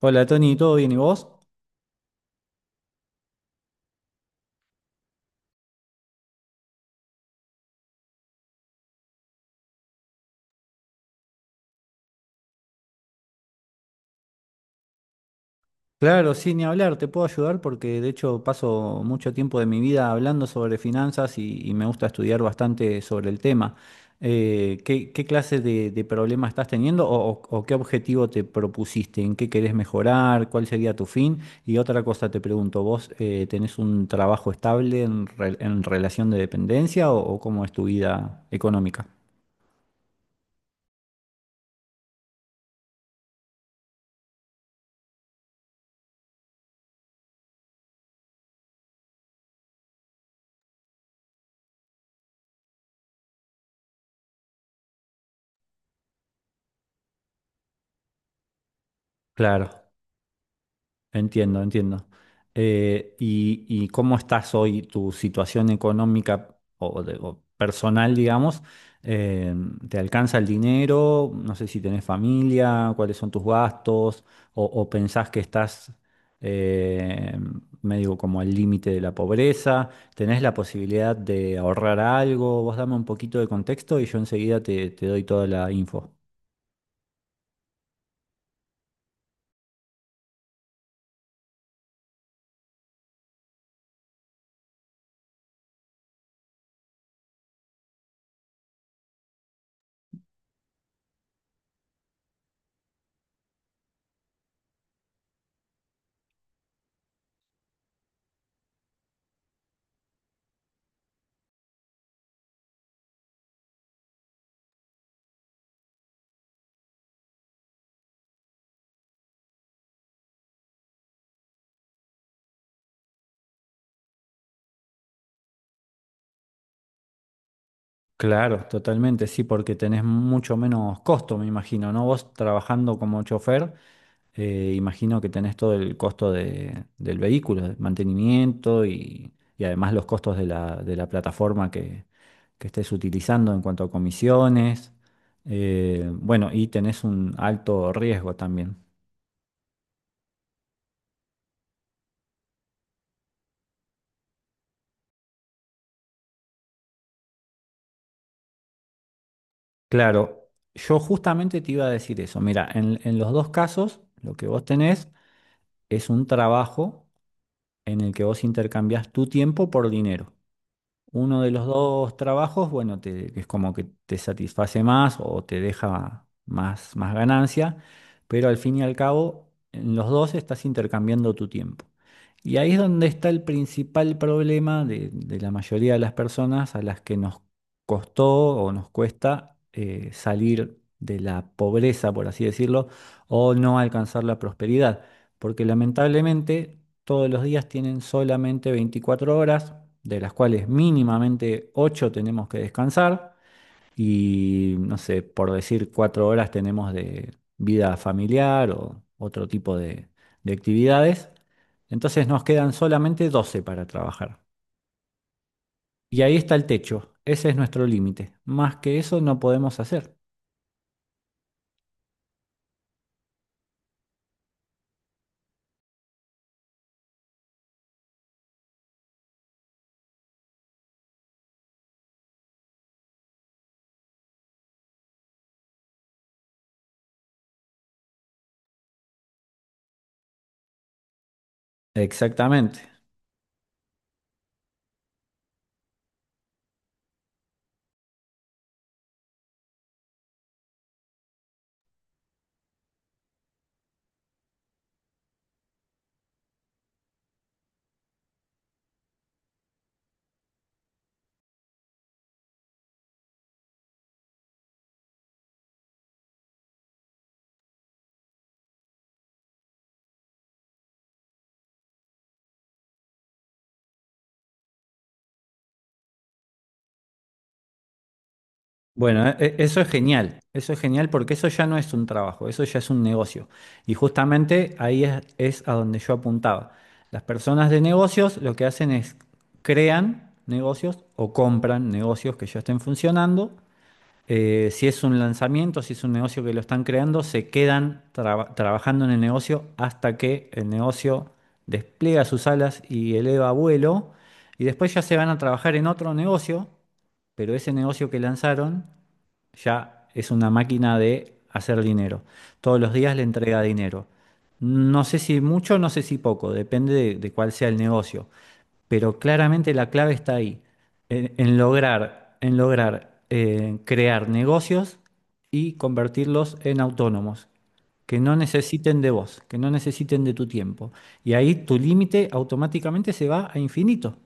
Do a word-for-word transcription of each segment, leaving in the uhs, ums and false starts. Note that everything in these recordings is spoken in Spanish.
Hola Tony, ¿todo bien y vos? Claro, sin ni hablar, te puedo ayudar porque de hecho paso mucho tiempo de mi vida hablando sobre finanzas y, y me gusta estudiar bastante sobre el tema. Eh, ¿qué, qué clase de, de problema estás teniendo o, o- o qué objetivo te propusiste? ¿En qué querés mejorar? ¿Cuál sería tu fin? Y otra cosa te pregunto, ¿vos eh, tenés un trabajo estable en, re- en relación de dependencia o o cómo es tu vida económica? Claro. Entiendo, entiendo. Eh, y, ¿y cómo estás hoy, tu situación económica o, de- o personal, digamos? Eh, ¿te alcanza el dinero? No sé si tenés familia, cuáles son tus gastos, o, o pensás que estás eh, medio como al límite de la pobreza. ¿Tenés la posibilidad de ahorrar algo? Vos dame un poquito de contexto y yo enseguida te, te doy toda la info. Claro, totalmente, sí, porque tenés mucho menos costo, me imagino, ¿no? Vos trabajando como chofer, eh, imagino que tenés todo el costo de- del vehículo, de mantenimiento y, y además los costos de la, de la plataforma que, que estés utilizando en cuanto a comisiones. Eh, bueno, y tenés un alto riesgo también. Claro, yo justamente te iba a decir eso. Mira, en, en los dos casos, lo que vos tenés es un trabajo en el que vos intercambias tu tiempo por dinero. Uno de los dos trabajos, bueno, te- es como que te satisface más o te deja más, más ganancia, pero al fin y al cabo, en los dos estás intercambiando tu tiempo. Y ahí es donde está el principal problema de, de la mayoría de las personas a las que nos costó o nos cuesta eh, salir de la pobreza, por así decirlo, o no alcanzar la prosperidad. Porque lamentablemente todos los días tienen solamente veinticuatro horas, de las cuales mínimamente ocho tenemos que descansar y, no sé, por decir cuatro horas tenemos de vida familiar o otro tipo de, de actividades. Entonces nos quedan solamente doce para trabajar. Y ahí está el techo, ese es nuestro límite. Más que eso no podemos hacer. Exactamente. Bueno, e- e- eso es genial, eso es genial porque eso ya no es un trabajo, eso ya es un negocio. Y justamente ahí es, es a donde yo apuntaba. Las personas de negocios lo que hacen es crean negocios o compran negocios que ya estén funcionando. Eh, si es un lanzamiento, si es un negocio que lo están creando, se quedan traba- trabajando en el negocio hasta que el negocio despliega sus alas y eleva vuelo. Y después ya se van a trabajar en otro negocio, pero ese negocio que lanzaron ya es una máquina de hacer dinero. Todos los días le entrega dinero. No sé si mucho, no sé si poco, depende de, de cuál sea el negocio, pero claramente la clave está ahí, en, en lograr, en lograr eh, crear negocios y convertirlos en autónomos, que no necesiten de vos, que no necesiten de tu tiempo. Y ahí tu límite automáticamente se va a infinito.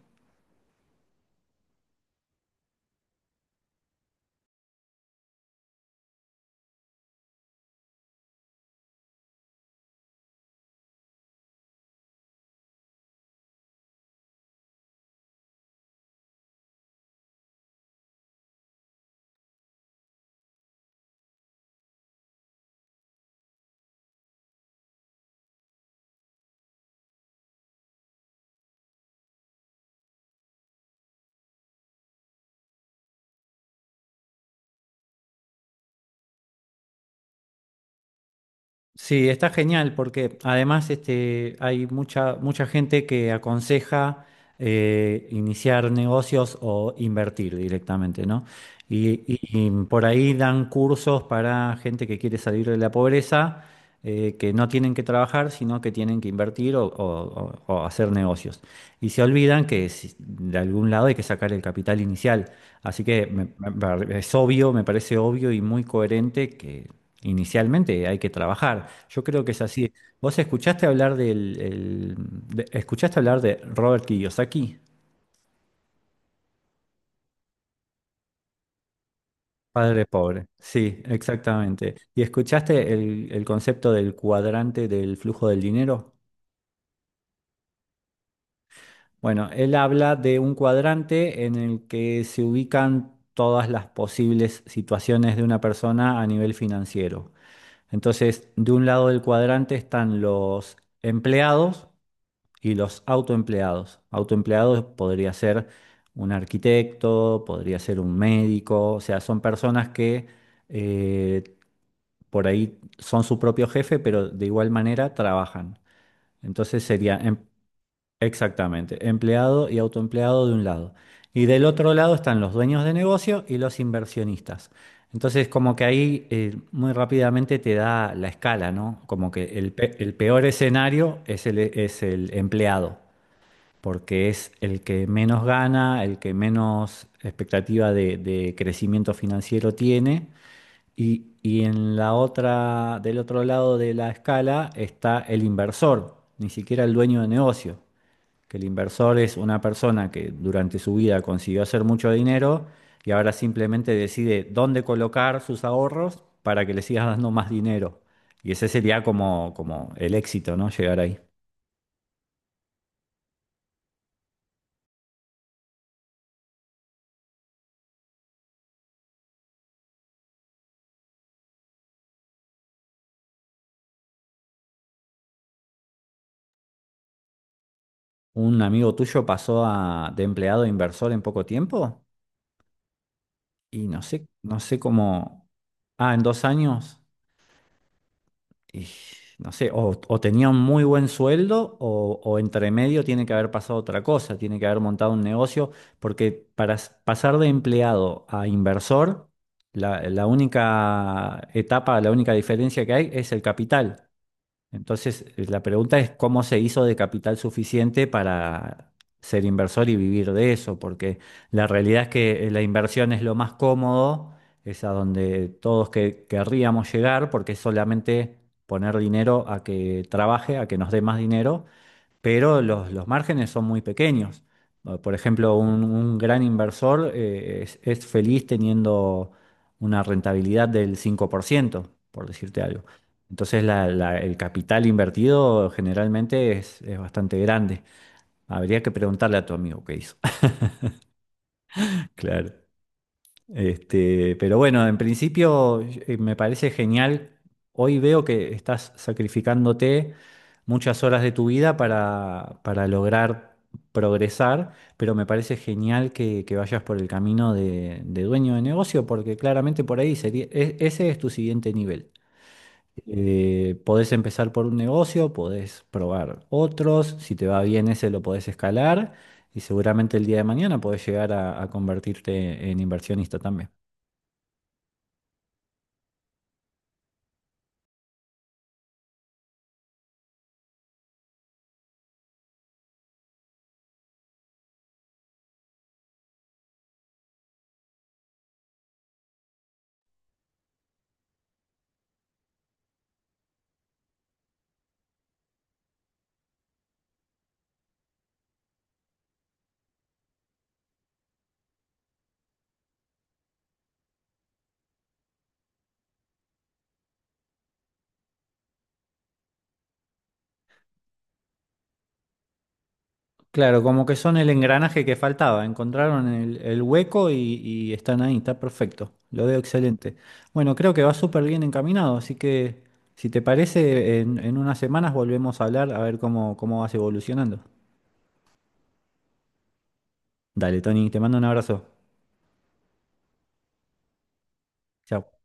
Sí, está genial porque además este, hay mucha, mucha gente que aconseja eh, iniciar negocios o invertir directamente, ¿no? Y, y- y por ahí dan cursos para gente que quiere salir de la pobreza, eh, que no tienen que trabajar, sino que tienen que invertir o, o- o- o hacer negocios. Y se olvidan que si- de algún lado hay que sacar el capital inicial. Así que me- me- pare- es obvio, me parece obvio y muy coherente que inicialmente hay que trabajar. Yo creo que es así. ¿Vos escuchaste hablar del, el- de- escuchaste hablar de Robert Kiyosaki? Padre pobre. Sí, exactamente. ¿Y escuchaste el, el concepto del cuadrante del flujo del dinero? Bueno, él habla de un cuadrante en el que se ubican todas las posibles situaciones de una persona a nivel financiero. Entonces, de un lado del cuadrante están los empleados y los autoempleados. Autoempleados podría ser un arquitecto, podría ser un médico, o sea, son personas que eh, por ahí son su propio jefe, pero de igual manera trabajan. Entonces sería em- exactamente empleado y autoempleado de un lado. Y del otro lado están los dueños de negocio y los inversionistas. Entonces, como que ahí eh, muy rápidamente te da la escala, ¿no? Como que el, pe- el peor escenario es el, es el empleado, porque es el que menos gana, el que menos expectativa de, de crecimiento financiero tiene. Y, y en la otra, del otro lado de la escala está el inversor, ni siquiera el dueño de negocio, que el inversor es una persona que durante su vida consiguió hacer mucho dinero, y ahora simplemente decide dónde colocar sus ahorros para que le sigas dando más dinero. Y ese sería como, como el éxito, ¿no? Llegar ahí. Un amigo tuyo pasó a, de empleado a inversor en poco tiempo y no sé, no sé cómo, ah, en dos años, y no sé, o, o tenía un muy buen sueldo o, o entre medio tiene que haber pasado otra cosa, tiene que haber montado un negocio, porque para s- pasar de empleado a inversor, la, la única etapa, la única diferencia que hay es el capital. Entonces, eh, la pregunta es cómo se hizo de capital suficiente para ser inversor y vivir de eso, porque la realidad es que eh, la inversión es lo más cómodo, es a donde todos que querríamos llegar, porque es solamente poner dinero a que trabaje, a que nos dé más dinero, pero los, los márgenes son muy pequeños. Eh, Por ejemplo, un, un gran inversor eh, es, es feliz teniendo una rentabilidad del cinco por ciento, por ciento, por decirte algo. Entonces, la- la- el capital invertido generalmente es, es bastante grande. Habría que preguntarle a tu amigo qué hizo. Claro. Este, pero bueno, en principio eh, me parece genial. Hoy veo que estás sacrificándote muchas horas de tu vida para, para lograr progresar, pero me parece genial que, que vayas por el camino de, de dueño de negocio, porque claramente por ahí sería, e- ese es tu siguiente nivel. Eh, podés empezar por un negocio, podés probar otros, si te va bien ese lo podés escalar y seguramente el día de mañana podés llegar a a convertirte en inversionista también. Claro, como que son el engranaje que faltaba. Encontraron el, el hueco y, y están ahí, está perfecto. Lo veo excelente. Bueno, creo que va súper bien encaminado, así que si te parece, en, en unas semanas volvemos a hablar a ver cómo, cómo vas evolucionando. Dale, Tony, te mando un abrazo. Chao.